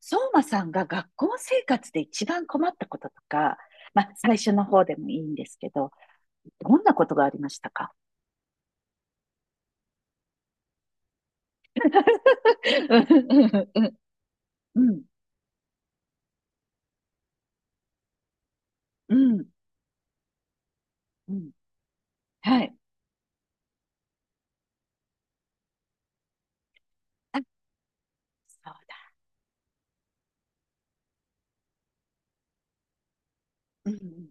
相馬さんが学校生活で一番困ったこととか、まあ、最初の方でもいいんですけど、どんなことがありましたか？ うん、うん、うん。はい。あ、そうだ。うん、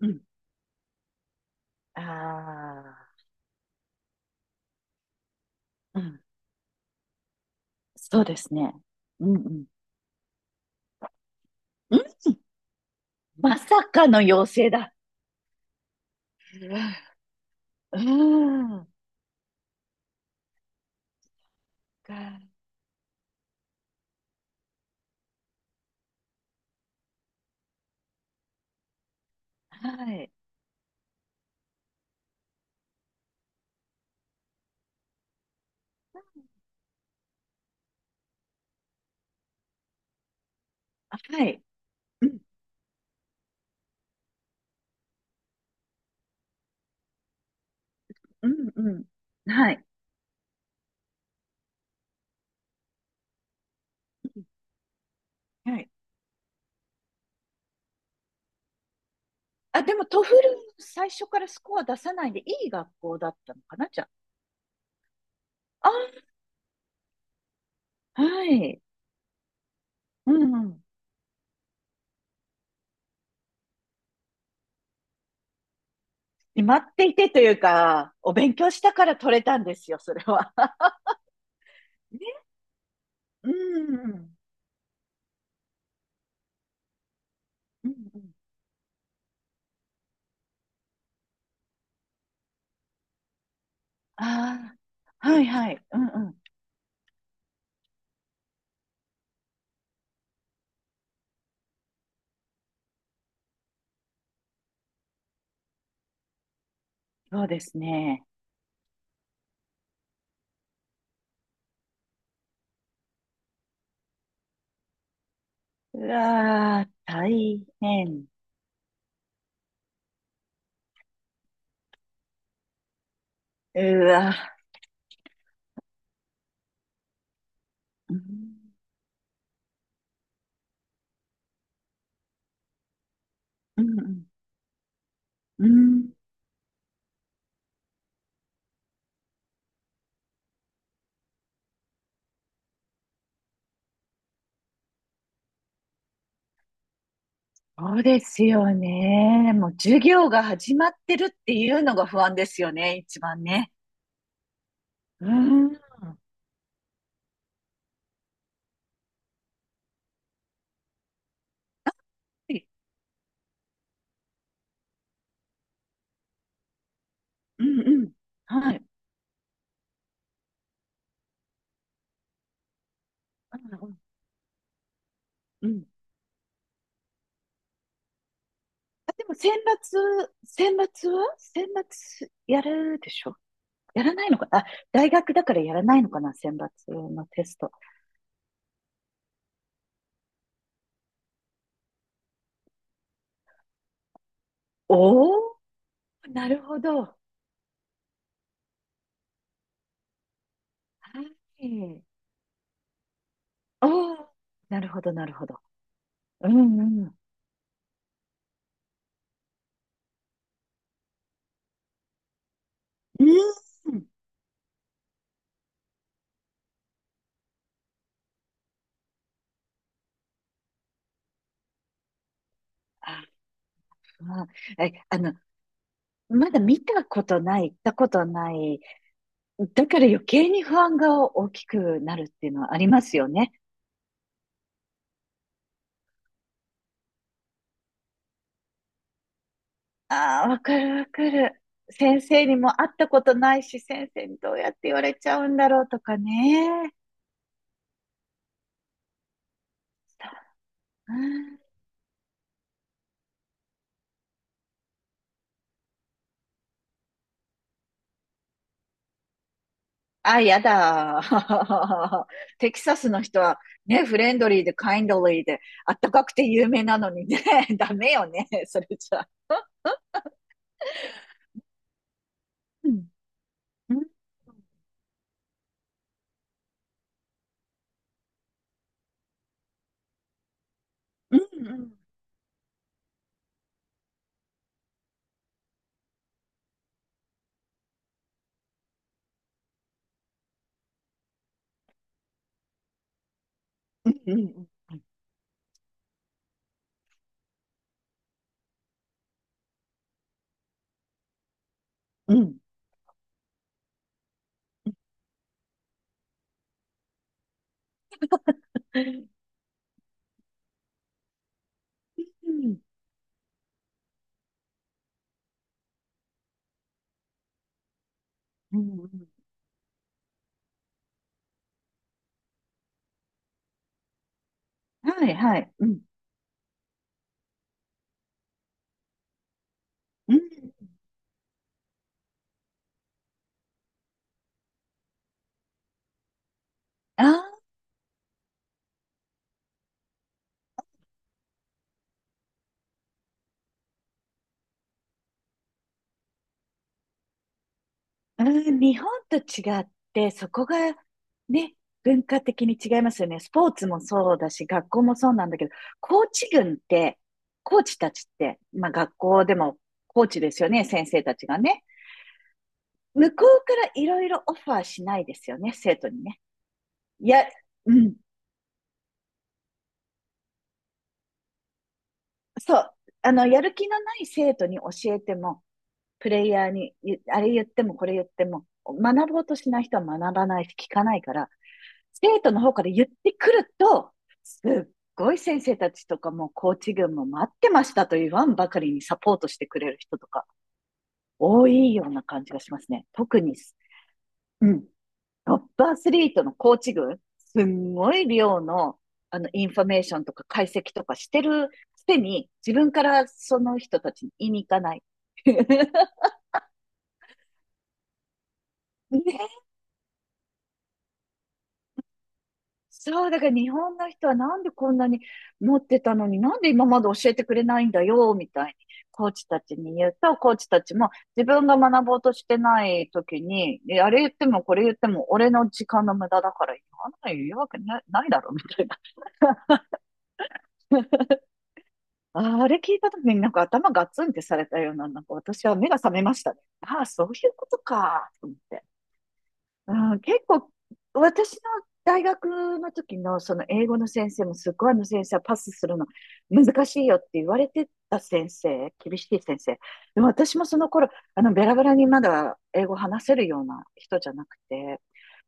うん、うん。ああー、うん。そうですね。うん、うん。うん、まさかの妖精だ。うん、うん。はい。はい。うん、うん、うん。はい。はい。あ、でもトフル最初からスコア出さないでいい学校だったのかな、じゃあ。あ、はい。うんうん。決まっていてというか、お勉強したから取れたんですよ、それは。ね。うんうんうん。うん。ああ、はいはい。うんうん。そうですね。うわー、大変。うわ。うん。うんうん。うん。そうですよね。もう授業が始まってるっていうのが不安ですよね、一番ね。うーん。はい。うんうん。はい。あ、なるほど。うん。あ、でも選抜は選抜やるでしょ。やらないのかなあ、大学だからやらないのかな選抜のテスト。おお、なるほど。はい。おお、なるほど、なるほど。うんうん。うん。あ、まあ、まだ見たことない、行ったことない。だから余計に不安が大きくなるっていうのはありますよね。ああ、わかるわかる。先生にも会ったことないし、先生にどうやって言われちゃうんだろうとかね。そう。うん。あ、やだ。テキサスの人はね、フレンドリーでカインドリーで、あったかくて有名なのにね、ダメよね、それじゃ。うん、うん、うん、うん、うん、うん、うん、うん、うん、うん。はい、はい、うん、うん。ああ。うん、日本と違って、そこがね、文化的に違いますよね。スポーツもそうだし、学校もそうなんだけど、コーチ群って、コーチたちって、まあ学校でもコーチですよね、先生たちがね。向こうからいろいろオファーしないですよね、生徒にね。や、うん、そう。やる気のない生徒に教えても、プレイヤーに、あれ言ってもこれ言っても、学ぼうとしない人は学ばないし、聞かないから、生徒の方から言ってくると、すっごい先生たちとかもコーチ群も待ってましたと言わんばかりにサポートしてくれる人とか多いような感じがしますね。特に、うん、トップアスリートのコーチ群、すんごい量のあのインフォメーションとか解析とかしてるくせに、自分からその人たちに言いに行かない。ね。そう、だから日本の人はなんでこんなに持ってたのに、なんで今まで教えてくれないんだよ、みたいに、コーチたちに言うと、コーチたちも自分が学ぼうとしてない時に、あれ言ってもこれ言っても俺の時間の無駄だから、言わなの言うわけなないだろ、みたいな。あれ聞いた時になんか頭ガツンってされたような、なんか私は目が覚めましたね。ああ、そういうことか、と思って。うん、結構、私の大学の時のその英語の先生もすっごいあの先生はパスするの難しいよって言われてた先生、厳しい先生。でも私もその頃、ベラベラにまだ英語話せるような人じゃなくて、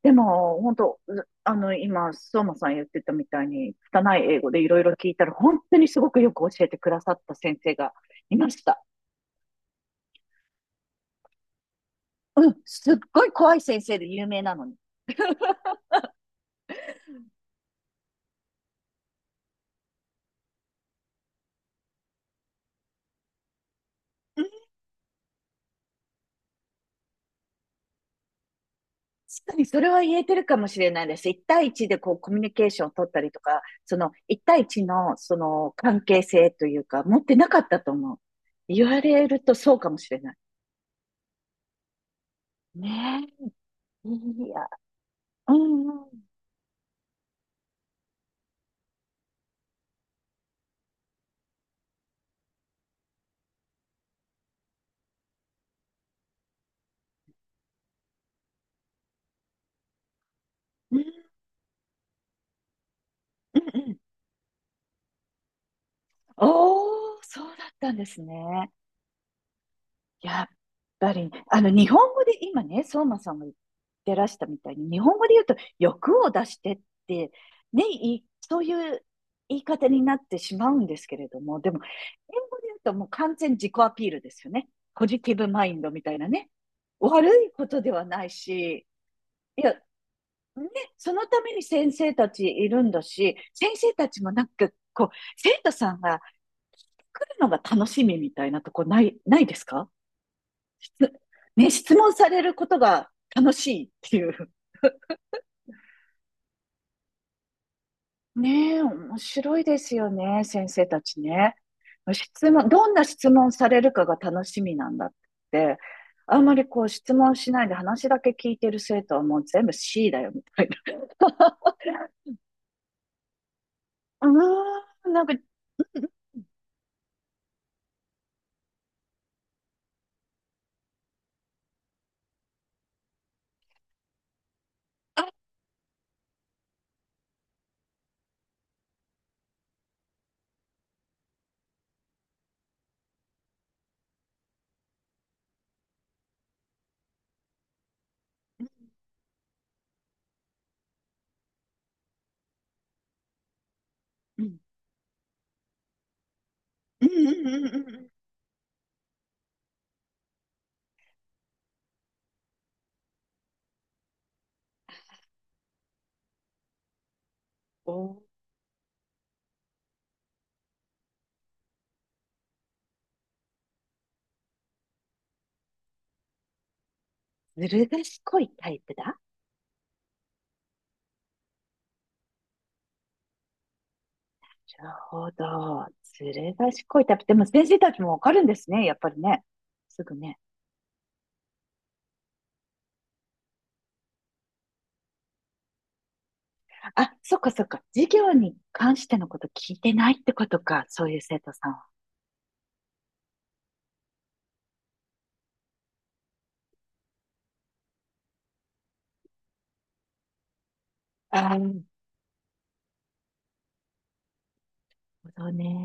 でも本当、今、相馬さん言ってたみたいに、拙い英語でいろいろ聞いたら、本当にすごくよく教えてくださった先生がいました。うん、すっごい怖い先生で有名なのに。確かにそれは言えてるかもしれないです。一対一でこうコミュニケーションを取ったりとか、その一対一のその関係性というか、持ってなかったと思う。言われるとそうかもしれない。ねえ。いや、うんうん。うんうんうん。おー、そうだったんですね。やっぱり、日本語で、今ね、相馬さんが言ってらしたみたいに、日本語で言うと、欲を出してって、ね、そういう言い方になってしまうんですけれども、でも、英語で言うともう完全自己アピールですよね。ポジティブマインドみたいなね。悪いことではないし、いや、ね、そのために先生たちいるんだし、先生たちもなんか、こう、生徒さんが来るのが楽しみみたいなとこない、ですか？ つね、質問されることが楽しいっていう。ねえ、面白いですよね、先生たちね。質問、どんな質問されるかが楽しみなんだって、あんまりこう質問しないで話だけ聞いてる生徒はもう全部 C だよみたいな。うーん、なんか、あ、うん、うん、うん、うんうんうん。おずる賢いタイプだ。なるほど。ずる賢いタイプ。でも先生たちもわかるんですね、やっぱりね。すぐね。あ、そっかそっか。授業に関してのこと聞いてないってことか。そういう生徒さんは。ああ、なるほどね。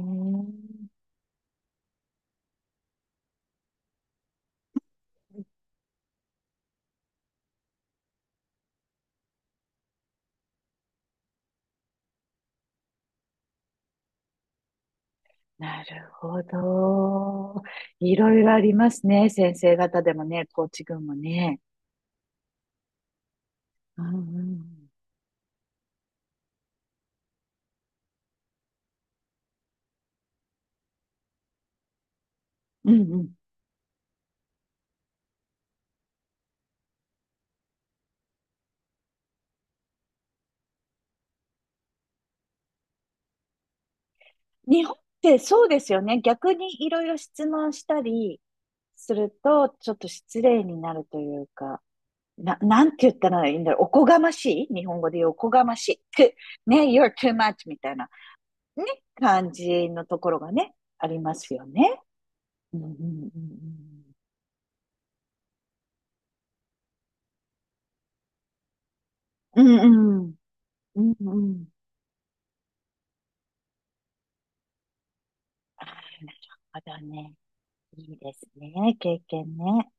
なるほど。いろいろありますね。先生方でもね、コーチ群もね。うんうんうん。うんうん。日本ってそうですよね。逆にいろいろ質問したりすると、ちょっと失礼になるというか、なんて言ったらいいんだろう。おこがましい日本語で言うおこがましい。ね、you're too much みたいな。ね、感じのところがね、ありますよね。うんうんうんうん。うんうん。うんうん。ああ、なるほどね。いいですね。経験ね。